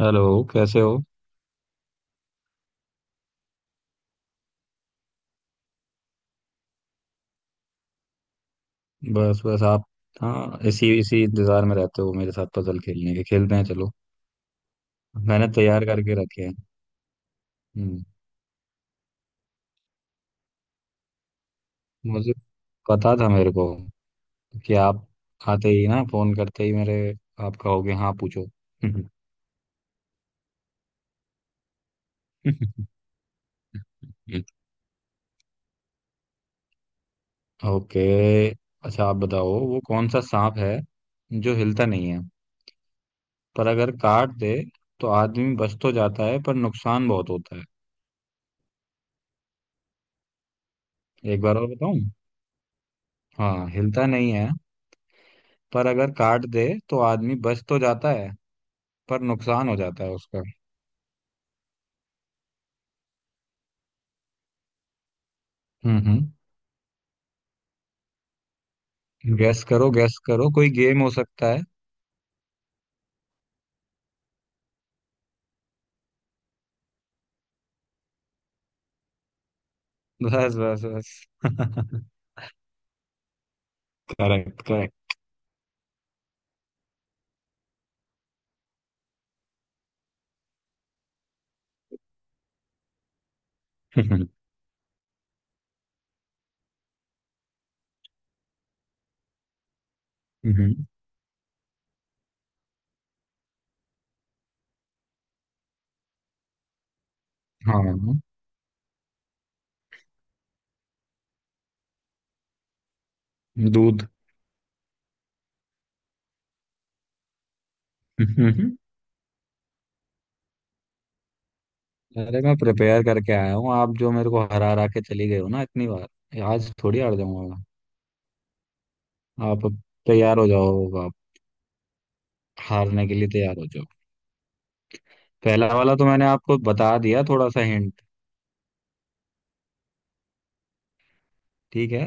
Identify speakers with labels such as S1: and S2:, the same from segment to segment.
S1: Hello. कैसे हो? बस बस आप। हाँ, इसी इसी इंतजार में रहते हो मेरे साथ। पजल खेलने के? खेलते हैं चलो। मैंने तैयार करके रखे हैं। हम्म। मुझे पता था मेरे को, कि आप आते ही ना, फोन करते ही मेरे, आप कहोगे हाँ पूछो। ओके। अच्छा आप बताओ, वो कौन सा सांप है जो हिलता नहीं है, पर अगर काट दे तो आदमी बच तो जाता है, पर नुकसान बहुत होता है। एक बार और बताऊं? हाँ, हिलता नहीं है, पर अगर काट दे तो आदमी बच तो जाता है, पर नुकसान हो जाता है उसका। हम्म हम्म गैस करो, गैस करो, कोई गेम हो सकता है। बस बस बस। Correct correct. हाँ। दूध। हम्म। अरे, मैं प्रिपेयर करके आया हूँ। आप जो मेरे को हरा हरा के चली गए हो ना इतनी बार, आज थोड़ी हार जाऊंगा। आप अब तैयार हो जाओ। आप हारने के लिए तैयार हो जाओ। पहला वाला तो मैंने आपको बता दिया थोड़ा सा हिंट। ठीक है,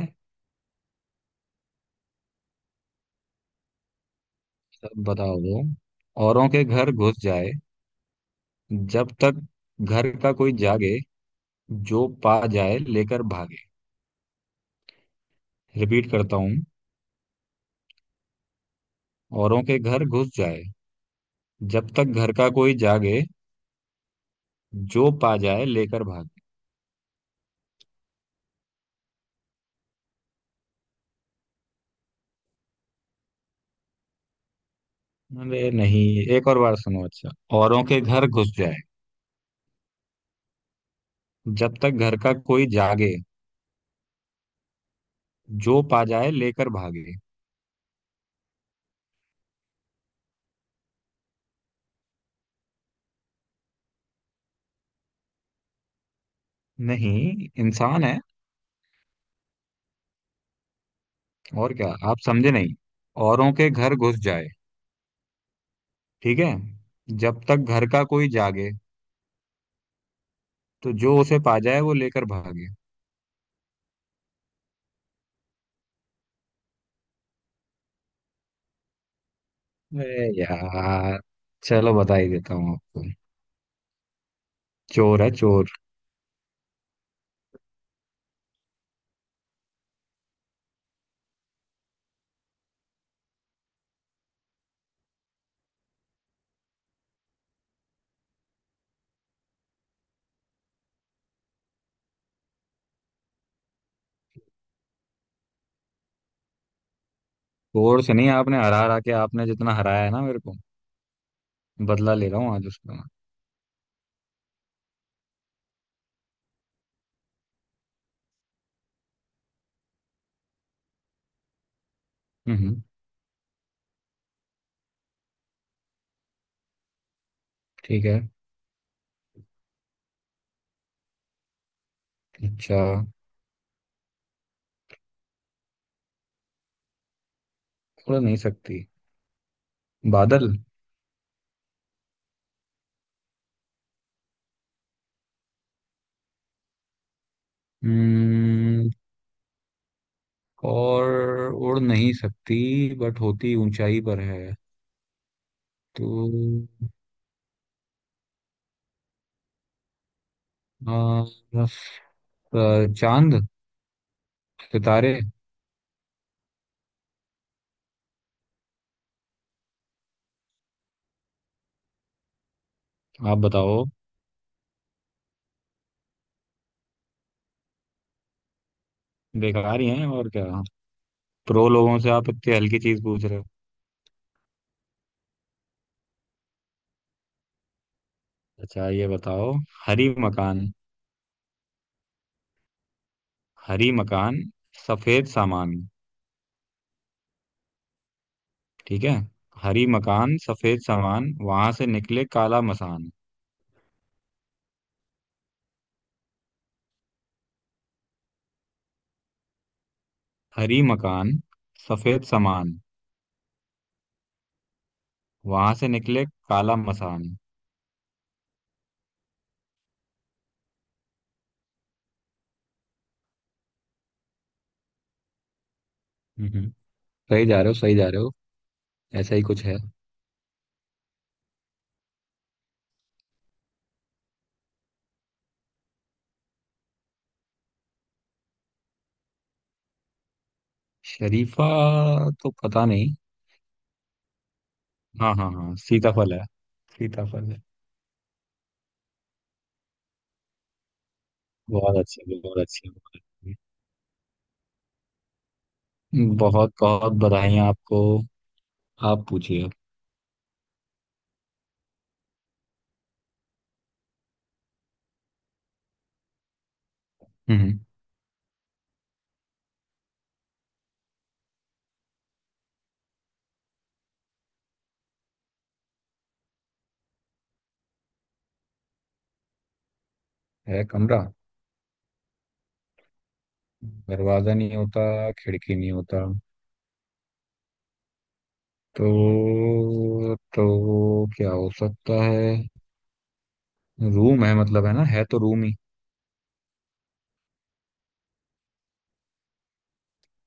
S1: तब बताओ वो। औरों के घर घुस जाए, जब तक घर का कोई जागे, जो पा जाए लेकर भागे। रिपीट करता हूँ। औरों के घर घुस जाए, जब तक घर का कोई जागे, जो पा जाए लेकर भागे। अरे नहीं, एक और बार सुनो अच्छा। औरों के घर घुस जाए, जब तक घर का कोई जागे, जो पा जाए लेकर भागे। नहीं, इंसान है। और क्या, आप समझे नहीं? औरों के घर घुस जाए, ठीक है? जब तक घर का कोई जागे, तो जो उसे पा जाए वो लेकर भागे। अरे यार, चलो बता ही देता हूँ आपको। चोर है, चोर। चोर से नहीं, आपने हरा हरा के, आपने जितना हराया है ना मेरे को, बदला ले रहा हूँ आज उसका मैं। हम्म। ठीक है। अच्छा। उड़ नहीं सकती? बादल। हम्म। और? उड़ नहीं सकती, बट होती ऊंचाई पर है। तो आ, बस, चांद, सितारे। आप बताओ। बेकार ही हैं और क्या। प्रो लोगों से आप इतनी हल्की चीज पूछ रहे हो? अच्छा ये बताओ। हरी मकान। हरी मकान सफेद सामान। ठीक है। हरी मकान, सफेद सामान, वहां से निकले काला मसान। हरी मकान, सफेद सामान, वहां से निकले काला मसान। हम्म। सही जा रहे हो, सही जा रहे हो। ऐसा ही कुछ है। शरीफा? तो पता नहीं। हाँ हाँ हाँ, सीताफल है। सीताफल है। बहुत अच्छे, बहुत अच्छे, बहुत अच्छे। बहुत बहुत बधाई आपको। आप पूछिए। हम्म। है, कमरा? दरवाजा नहीं होता, खिड़की नहीं होता, तो क्या हो सकता है? रूम है मतलब, है ना, है तो रूम ही।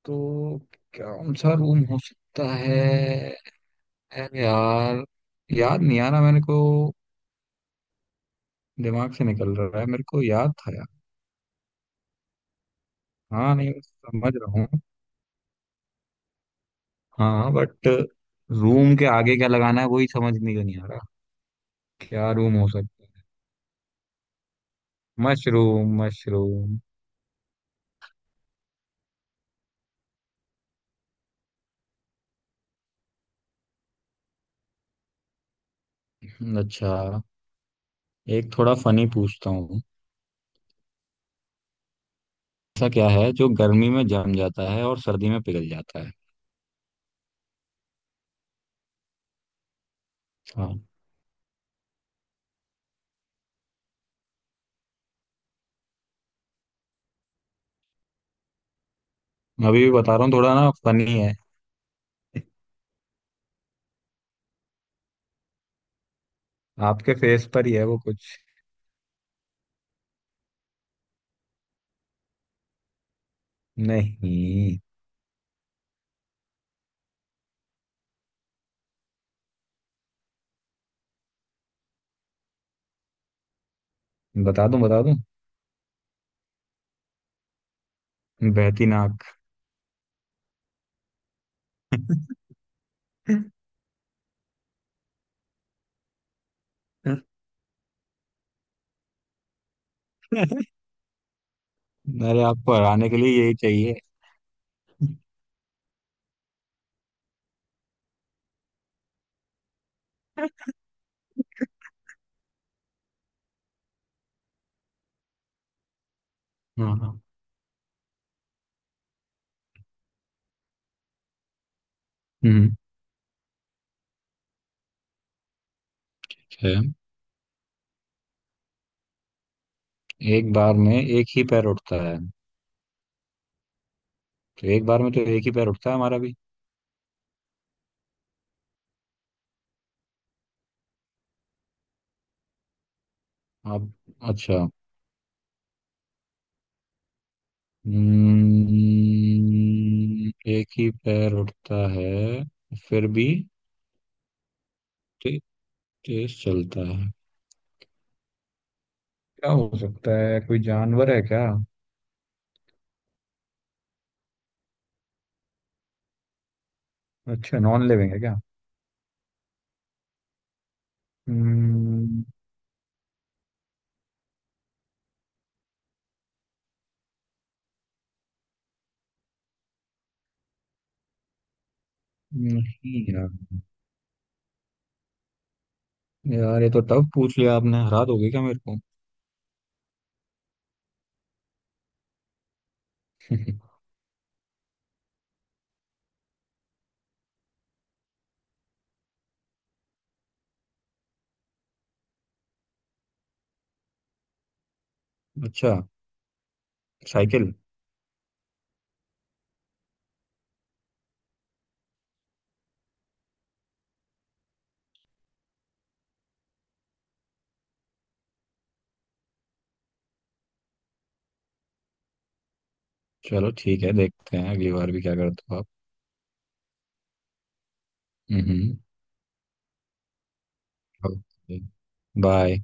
S1: तो कौन सा रूम हो सकता है? अरे यार, याद नहीं आ रहा मेरे को। दिमाग से निकल रहा है, मेरे को याद था यार। हाँ नहीं, मैं समझ रहा हूँ। हाँ बट, रूम के आगे क्या लगाना है वही समझ नहीं नहीं आ रहा। क्या रूम हो सकता है? Mushroom, mushroom! अच्छा, एक थोड़ा फनी पूछता हूँ। ऐसा क्या है जो गर्मी में जम जाता है और सर्दी में पिघल जाता है? हाँ। मैं अभी भी बता रहा हूँ, थोड़ा ना फनी है। आपके फेस पर ही है वो कुछ। नहीं। बता दूं, बता दूं? बहती नाक। अरे, आपको हराने के लिए यही चाहिए। हाँ हाँ। हम्म अच्छा, एक बार में एक ही पैर उठता है? तो एक बार में तो एक ही पैर उठता है हमारा भी। आप? अच्छा। एक ही पैर उठता है, फिर भी ते- तेज चलता है। क्या हो सकता है? कोई जानवर है क्या? अच्छा, नॉन लिविंग है क्या? हम्म, नहीं यार। यार, ये तो टफ पूछ लिया आपने। हरा दोगे क्या मेरे को? अच्छा। साइकिल। चलो ठीक है, देखते हैं अगली बार भी क्या करते हो आप। हम्म बाय।